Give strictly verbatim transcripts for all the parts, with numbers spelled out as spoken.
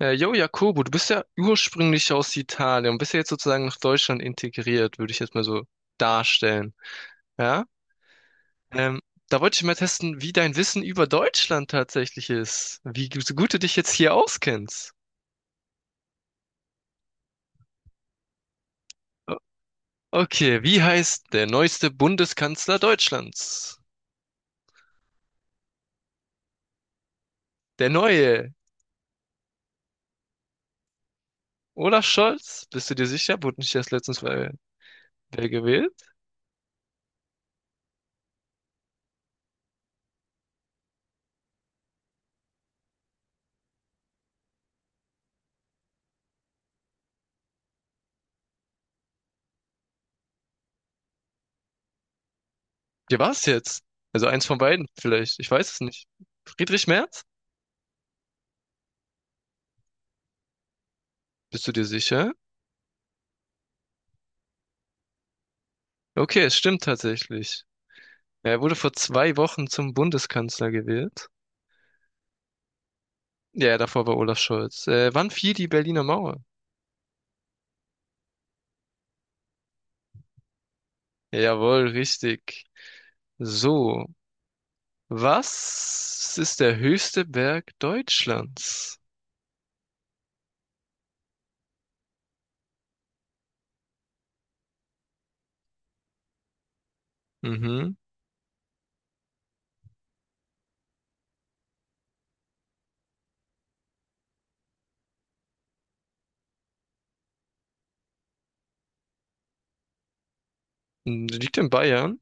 Äh, jo, Jakobo, du bist ja ursprünglich aus Italien und bist ja jetzt sozusagen nach Deutschland integriert, würde ich jetzt mal so darstellen. Ja? Ähm, da wollte ich mal testen, wie dein Wissen über Deutschland tatsächlich ist. Wie gu- so gut du dich jetzt hier auskennst. O- Okay, wie heißt der neueste Bundeskanzler Deutschlands? Der neue. Olaf Scholz? Bist du dir sicher? Wurde nicht erst letztens wer gewählt? Ja, war's jetzt? Also eins von beiden vielleicht. Ich weiß es nicht. Friedrich Merz? Bist du dir sicher? Okay, es stimmt tatsächlich. Ja, er wurde vor zwei Wochen zum Bundeskanzler gewählt. Ja, davor war Olaf Scholz. Äh, wann fiel die Berliner Mauer? Jawohl, richtig. So, was ist der höchste Berg Deutschlands? Mhm. Hm, Die liegt in Bayern.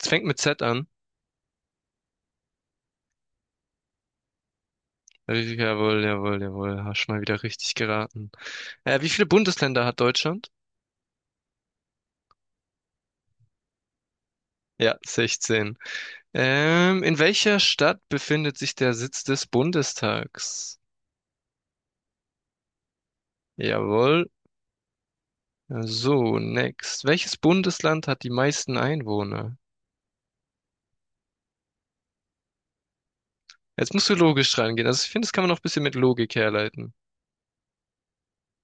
Es fängt mit Z an. Ja, wie- jawohl, jawohl, jawohl. Hast schon mal wieder richtig geraten. Äh, wie viele Bundesländer hat Deutschland? Ja, sechzehn. Ähm, in welcher Stadt befindet sich der Sitz des Bundestags? Jawohl. So, next. Welches Bundesland hat die meisten Einwohner? Jetzt musst du logisch rangehen. Also ich finde, das kann man noch ein bisschen mit Logik herleiten.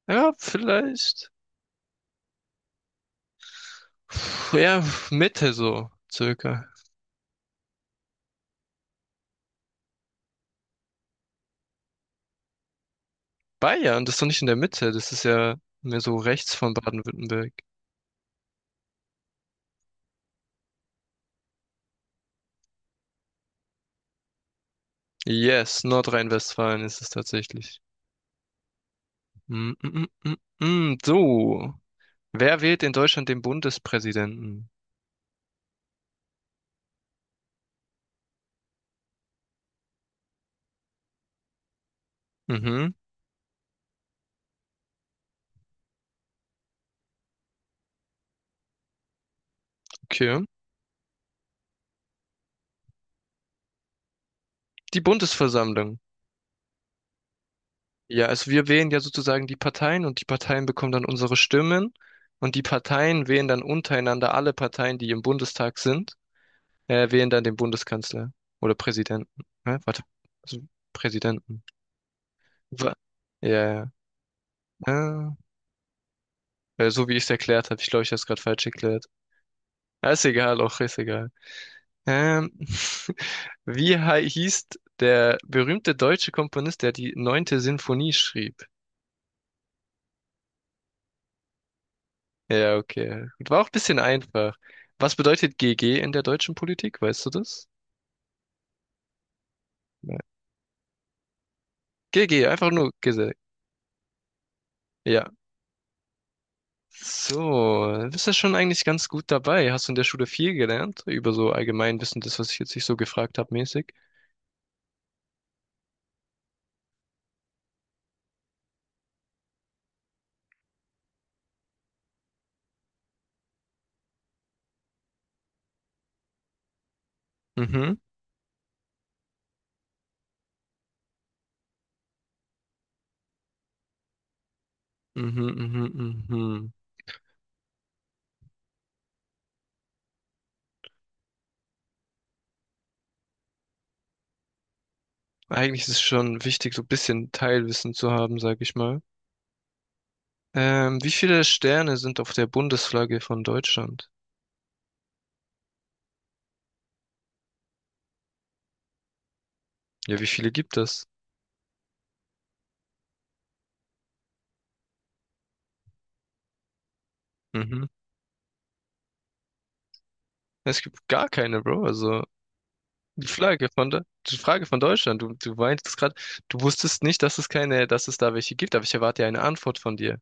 Ja, vielleicht. Puh, ja, Mitte so, circa. Bayern, das ist doch nicht in der Mitte, das ist ja mehr so rechts von Baden-Württemberg. Yes, Nordrhein-Westfalen ist es tatsächlich. Mm, mm, mm, mm, mm. So, wer wählt in Deutschland den Bundespräsidenten? Mhm, okay. Die Bundesversammlung. Ja, also wir wählen ja sozusagen die Parteien und die Parteien bekommen dann unsere Stimmen und die Parteien wählen dann untereinander alle Parteien, die im Bundestag sind, äh, wählen dann den Bundeskanzler oder Präsidenten. Hä? Warte, also Präsidenten. Wa- Ja, ja. Ah, weil so wie ich es erklärt habe, ich glaube, ich habe es gerade falsch erklärt. Ja, ist egal, auch ist egal. Ähm, wie hei- hieß der berühmte deutsche Komponist, der die neunte Sinfonie schrieb? Ja, okay. Gut, war auch ein bisschen einfach. Was bedeutet G G in der deutschen Politik? Weißt du das? Nein. G G, einfach nur gesagt. Ja. So, dann bist du schon eigentlich ganz gut dabei. Hast du in der Schule viel gelernt über so Allgemeinwissen, das, was ich jetzt nicht so gefragt habe, mäßig? Mhm, mhm, mhm, mhm. Eigentlich ist es schon wichtig, so ein bisschen Teilwissen zu haben, sag ich mal. Ähm, wie viele Sterne sind auf der Bundesflagge von Deutschland? Ja, wie viele gibt es? Mhm. Es gibt gar keine, Bro. Also die Flagge von der, die Frage von Deutschland. Du, du meintest gerade, du wusstest nicht, dass es keine, dass es da welche gibt, aber ich erwarte ja eine Antwort von dir.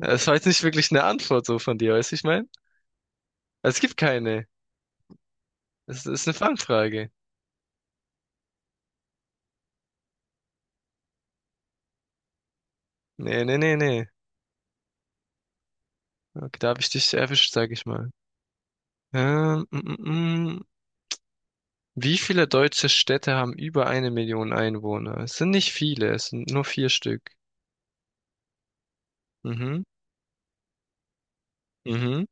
Es war jetzt nicht wirklich eine Antwort so von dir, weißt du, ich meine? Es gibt keine. Es ist eine Fangfrage. Nee, nee, nee, nee. Okay, da hab ich dich erwischt, sag ich mal. Ähm, mm, mm, mm. Wie viele deutsche Städte haben über eine Million Einwohner? Es sind nicht viele, es sind nur vier Stück. Mhm, mhm.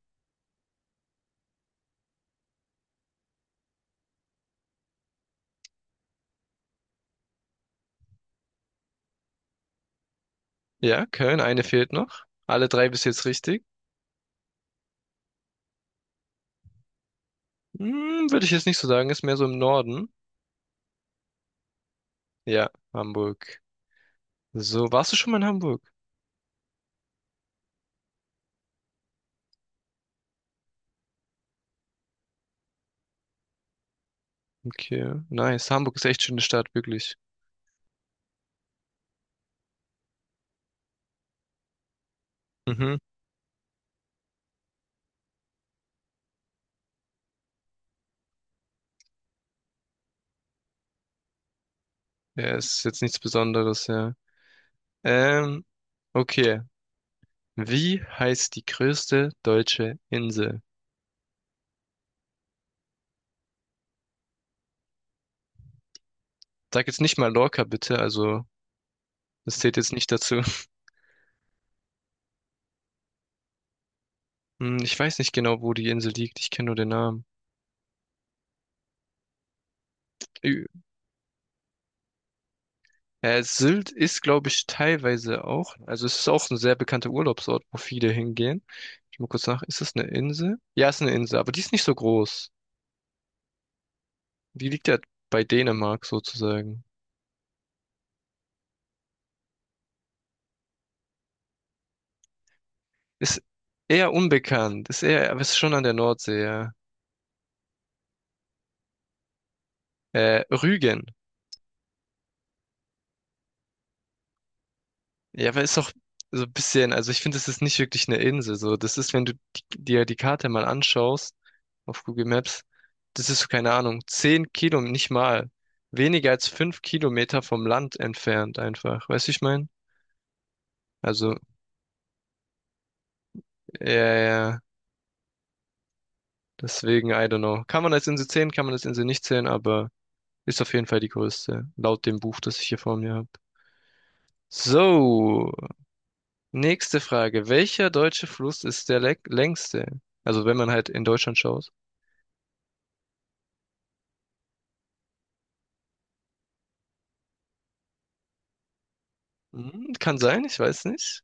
Ja, Köln, eine fehlt noch. Alle drei bis jetzt richtig. Hm, würde ich jetzt nicht so sagen, ist mehr so im Norden. Ja, Hamburg. So, warst du schon mal in Hamburg? Okay, nice. Hamburg ist echt schöne Stadt, wirklich. Mhm. Ja, ist jetzt nichts Besonderes, ja. Ähm, okay. Wie heißt die größte deutsche Insel? Sag jetzt nicht mal Lorca, bitte, also das zählt jetzt nicht dazu. Hm, Ich weiß nicht genau, wo die Insel liegt. Ich kenne nur den Namen. Ü- Äh, Sylt ist, glaube ich, teilweise auch. Also es ist auch ein sehr bekannter Urlaubsort, wo viele hingehen. Ich mal kurz nach. Ist das eine Insel? Ja, es ist eine Insel, aber die ist nicht so groß. Die liegt ja bei Dänemark sozusagen. Ist eher unbekannt. Ist eher, aber ist schon an der Nordsee, ja. Äh, Rügen. Ja, aber ist doch so ein bisschen, also ich finde, das ist nicht wirklich eine Insel. So, das ist, wenn du die- dir die Karte mal anschaust auf Google Maps, das ist so, keine Ahnung, zehn Kilometer nicht mal. Weniger als fünf Kilometer vom Land entfernt einfach. Weißt du, ich meine? Also, ja, ja, ja, deswegen, I don't know. Kann man als Insel zählen, kann man als Insel nicht zählen, aber ist auf jeden Fall die größte, laut dem Buch, das ich hier vor mir habe. So, nächste Frage. Welcher deutsche Fluss ist der lä- längste? Also, wenn man halt in Deutschland schaut. Hm, Kann sein, ich weiß nicht.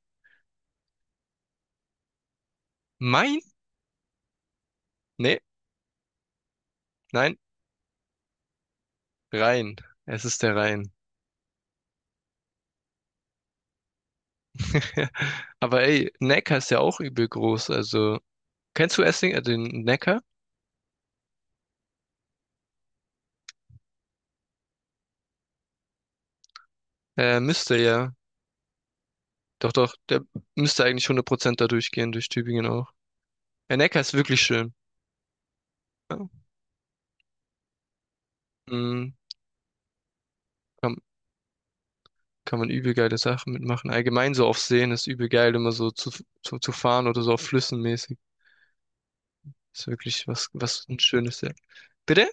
Main? Nee, nein, Rhein. Es ist der Rhein. Aber ey, Neckar ist ja auch übel groß. Also, kennst du Essling, äh, den Neckar? Äh, müsste ja. Doch, doch, der müsste eigentlich hundert Prozent da durchgehen, durch Tübingen auch. Der Neckar ist wirklich schön. Ja. Hm, kann, kann man übel geile Sachen mitmachen. Allgemein so auf Seen ist übel geil, immer so zu, zu, zu fahren oder so auf Flüssen mäßig. Ist wirklich was, was ein schönes. Ja. Bitte?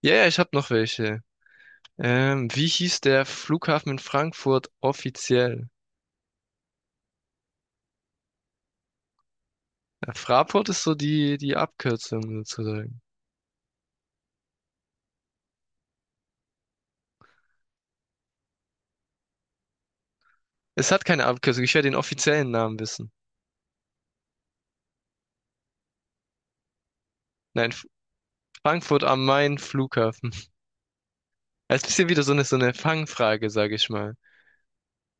Ja, ja, ich hab noch welche. Ähm, wie hieß der Flughafen in Frankfurt offiziell? Ja, Fraport ist so die, die Abkürzung sozusagen. Es hat keine Abkürzung, ich werde den offiziellen Namen wissen. Nein, F- Frankfurt am Main Flughafen. Also, das ist ein bisschen wieder so eine, so eine Fangfrage, sage ich mal.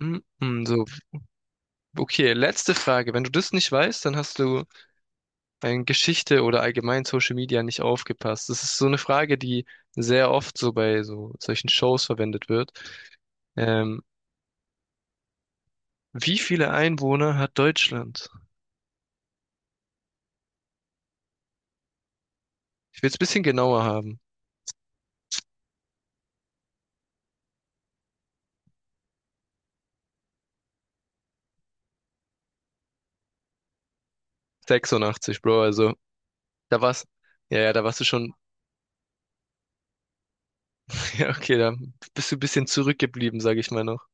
Mm, mm, so, okay, letzte Frage. Wenn du das nicht weißt, dann hast du in Geschichte oder allgemein Social Media nicht aufgepasst. Das ist so eine Frage, die sehr oft so bei so solchen Shows verwendet wird. Ähm, wie viele Einwohner hat Deutschland? Ich will es ein bisschen genauer haben. sechsundachtzig, Bro, also da war's. Ja, ja, da warst du schon. Ja, okay, da bist du ein bisschen zurückgeblieben, sag ich mal noch.